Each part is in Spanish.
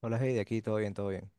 Hola, hey, de aquí todo bien, todo bien.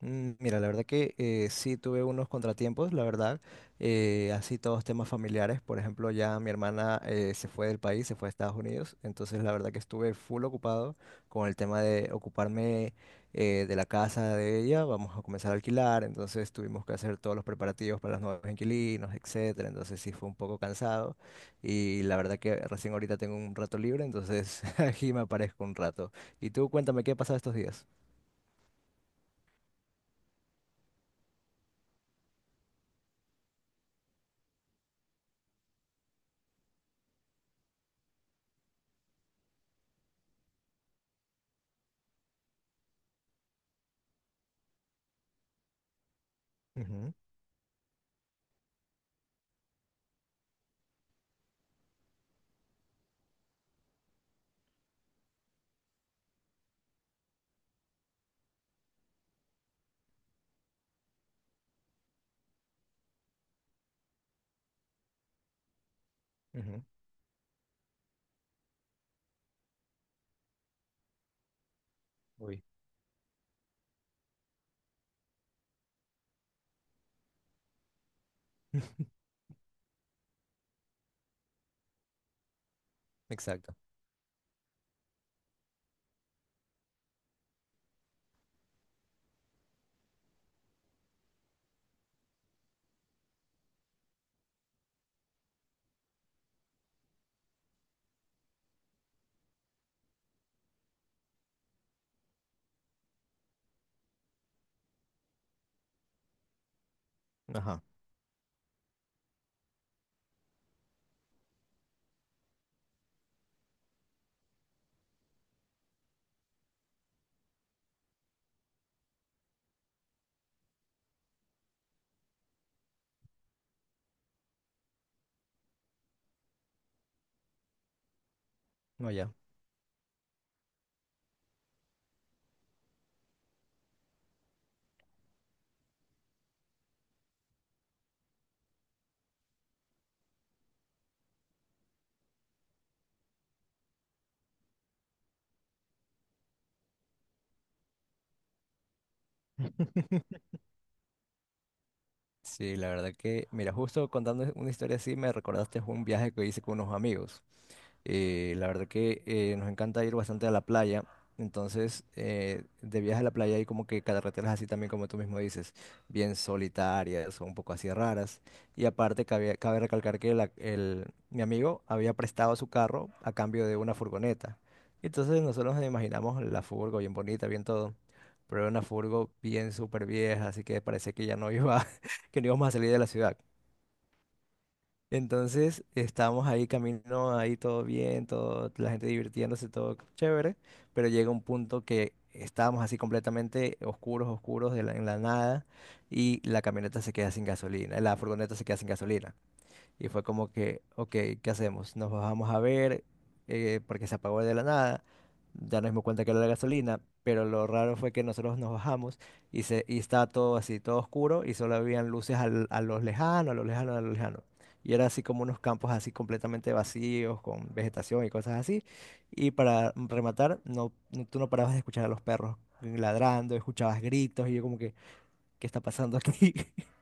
Mira, la verdad que sí tuve unos contratiempos, la verdad, así todos temas familiares. Por ejemplo, ya mi hermana se fue del país, se fue a Estados Unidos, entonces la verdad que estuve full ocupado con el tema de ocuparme de la casa de ella. Vamos a comenzar a alquilar, entonces tuvimos que hacer todos los preparativos para los nuevos inquilinos, etcétera. Entonces sí fue un poco cansado y la verdad que recién ahorita tengo un rato libre, entonces aquí me aparezco un rato. Y tú cuéntame qué ha pasado estos días. Ujú. Ujú. Uy. Exacto. Ajá. No, ya. Sí, la verdad que, mira, justo contando una historia así, me recordaste un viaje que hice con unos amigos. La verdad que nos encanta ir bastante a la playa. Entonces, de viaje a la playa hay como que carreteras así también, como tú mismo dices, bien solitarias o un poco así raras. Y aparte, cabe recalcar que mi amigo había prestado su carro a cambio de una furgoneta. Entonces, nosotros nos imaginamos la furgo bien bonita, bien todo. Pero era una furgo bien súper vieja, así que parecía que ya no iba, que no íbamos a salir de la ciudad. Entonces estábamos ahí camino, ahí todo bien, todo, la gente divirtiéndose, todo chévere, pero llega un punto que estábamos así completamente oscuros, oscuros en la nada y la camioneta se queda sin gasolina, la furgoneta se queda sin gasolina. Y fue como que, ok, ¿qué hacemos? Nos bajamos a ver, porque se apagó de la nada, ya nos dimos cuenta que era la gasolina, pero lo raro fue que nosotros nos bajamos y, se, y estaba todo así, todo oscuro y solo habían luces a los lejanos, a los lejanos, a los lejanos. Y era así como unos campos así completamente vacíos, con vegetación y cosas así. Y para rematar, tú no parabas de escuchar a los perros ladrando, escuchabas gritos y yo como que, ¿qué está pasando aquí?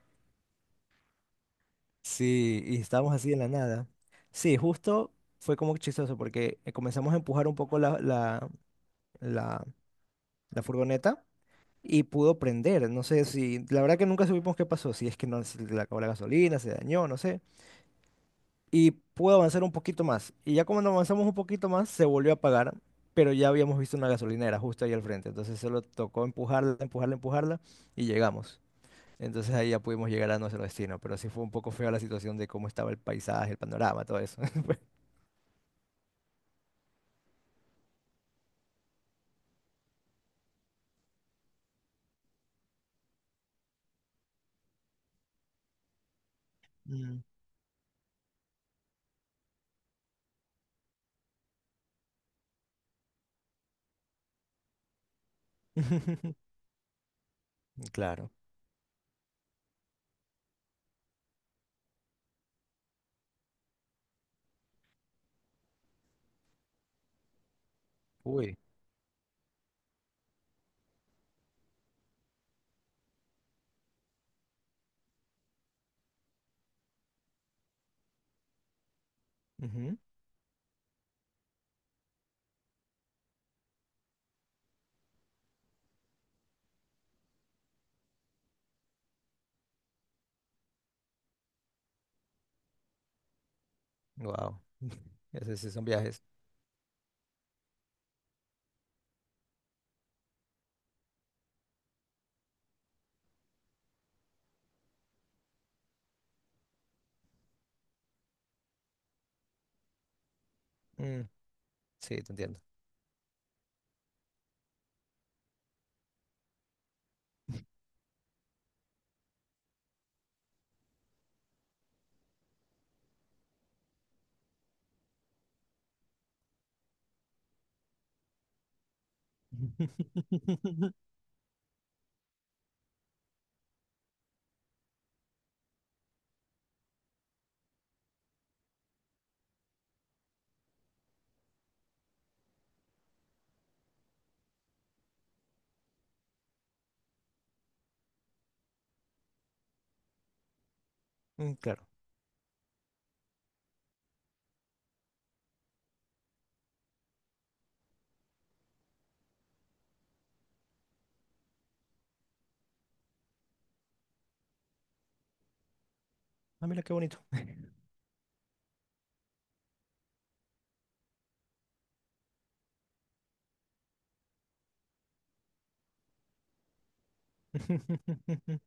Sí, y estábamos así en la nada. Sí, justo fue como chistoso porque comenzamos a empujar un poco la, la furgoneta y pudo prender. No sé si, la verdad que nunca supimos qué pasó, si es que no se le acabó la gasolina, se dañó, no sé. Y pudo avanzar un poquito más. Y ya cuando avanzamos un poquito más, se volvió a apagar, pero ya habíamos visto una gasolinera justo ahí al frente. Entonces solo tocó empujarla, empujarla, empujarla y llegamos. Entonces ahí ya pudimos llegar a nuestro destino, pero sí fue un poco fea la situación de cómo estaba el paisaje, el panorama, todo eso. Fue- Mm. Claro. Uy. Wow. Esos sí son viajes. Mm, sí, te entiendo. Mm, claro. Ah, mira qué bonito.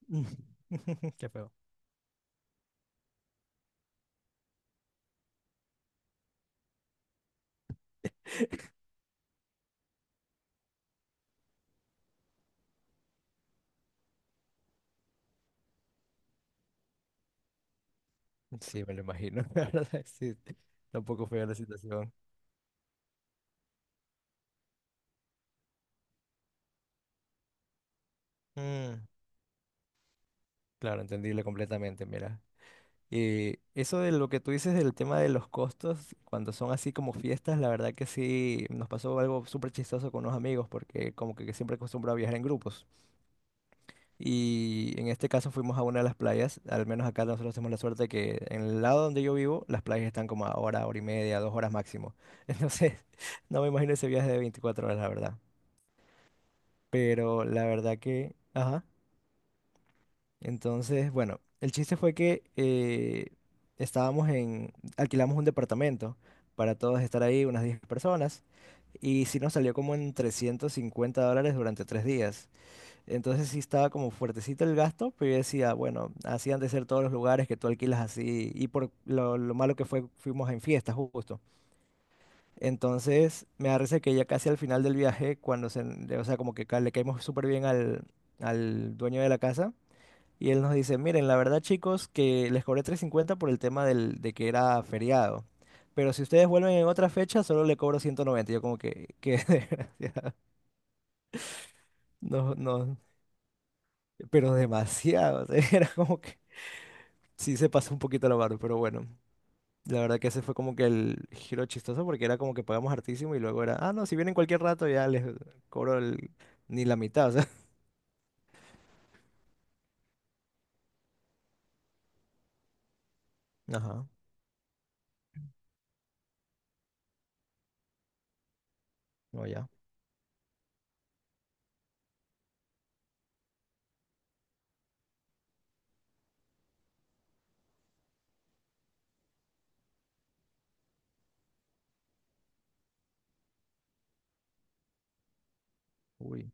Qué feo. Sí, me lo imagino. La verdad, sí. Tampoco fea la situación. Mm, claro, entendible completamente, mira. Eso de lo que tú dices del tema de los costos, cuando son así como fiestas, la verdad que sí nos pasó algo súper chistoso con unos amigos, porque como que siempre acostumbro a viajar en grupos. Y en este caso fuimos a una de las playas, al menos acá nosotros tenemos la suerte que en el lado donde yo vivo, las playas están como a hora, hora y media, 2 horas máximo. Entonces, no me imagino ese viaje de 24 horas, la verdad. Pero la verdad que... Ajá. Entonces, bueno, el chiste fue que estábamos en, alquilamos un departamento para todos estar ahí, unas 10 personas, y sí nos salió como en $350 durante 3 días. Entonces sí estaba como fuertecito el gasto, pero yo decía, bueno, así han de ser todos los lugares que tú alquilas así, y por lo malo que fue, fuimos en fiestas justo. Entonces me parece que ya casi al final del viaje, cuando se, o sea, como que ca- le caímos súper bien al dueño de la casa, y él nos dice, miren, la verdad chicos, que les cobré 350 por el tema de que era feriado. Pero si ustedes vuelven en otra fecha, solo le cobro 190. Yo como que desgracia. No, no, pero demasiado. Era como que sí se pasó un poquito la barra, pero bueno. La verdad que ese fue como que el giro chistoso porque era como que pagamos hartísimo y luego era, ah, no, si vienen cualquier rato ya les cobro el, ni la mitad, o sea. Ajá, no, ya. Uy,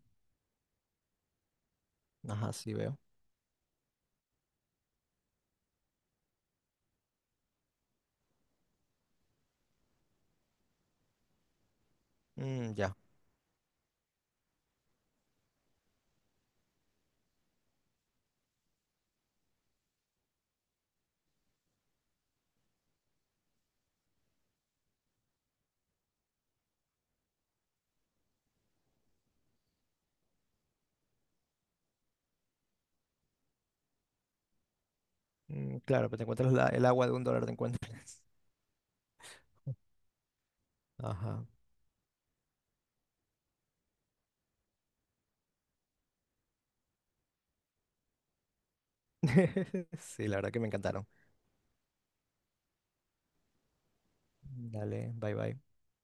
ajá, sí veo. Mm, ya. Mm, claro, pero te encuentras el agua de $1, te encuentras. Ajá. Sí, la verdad que me encantaron. Dale, bye bye.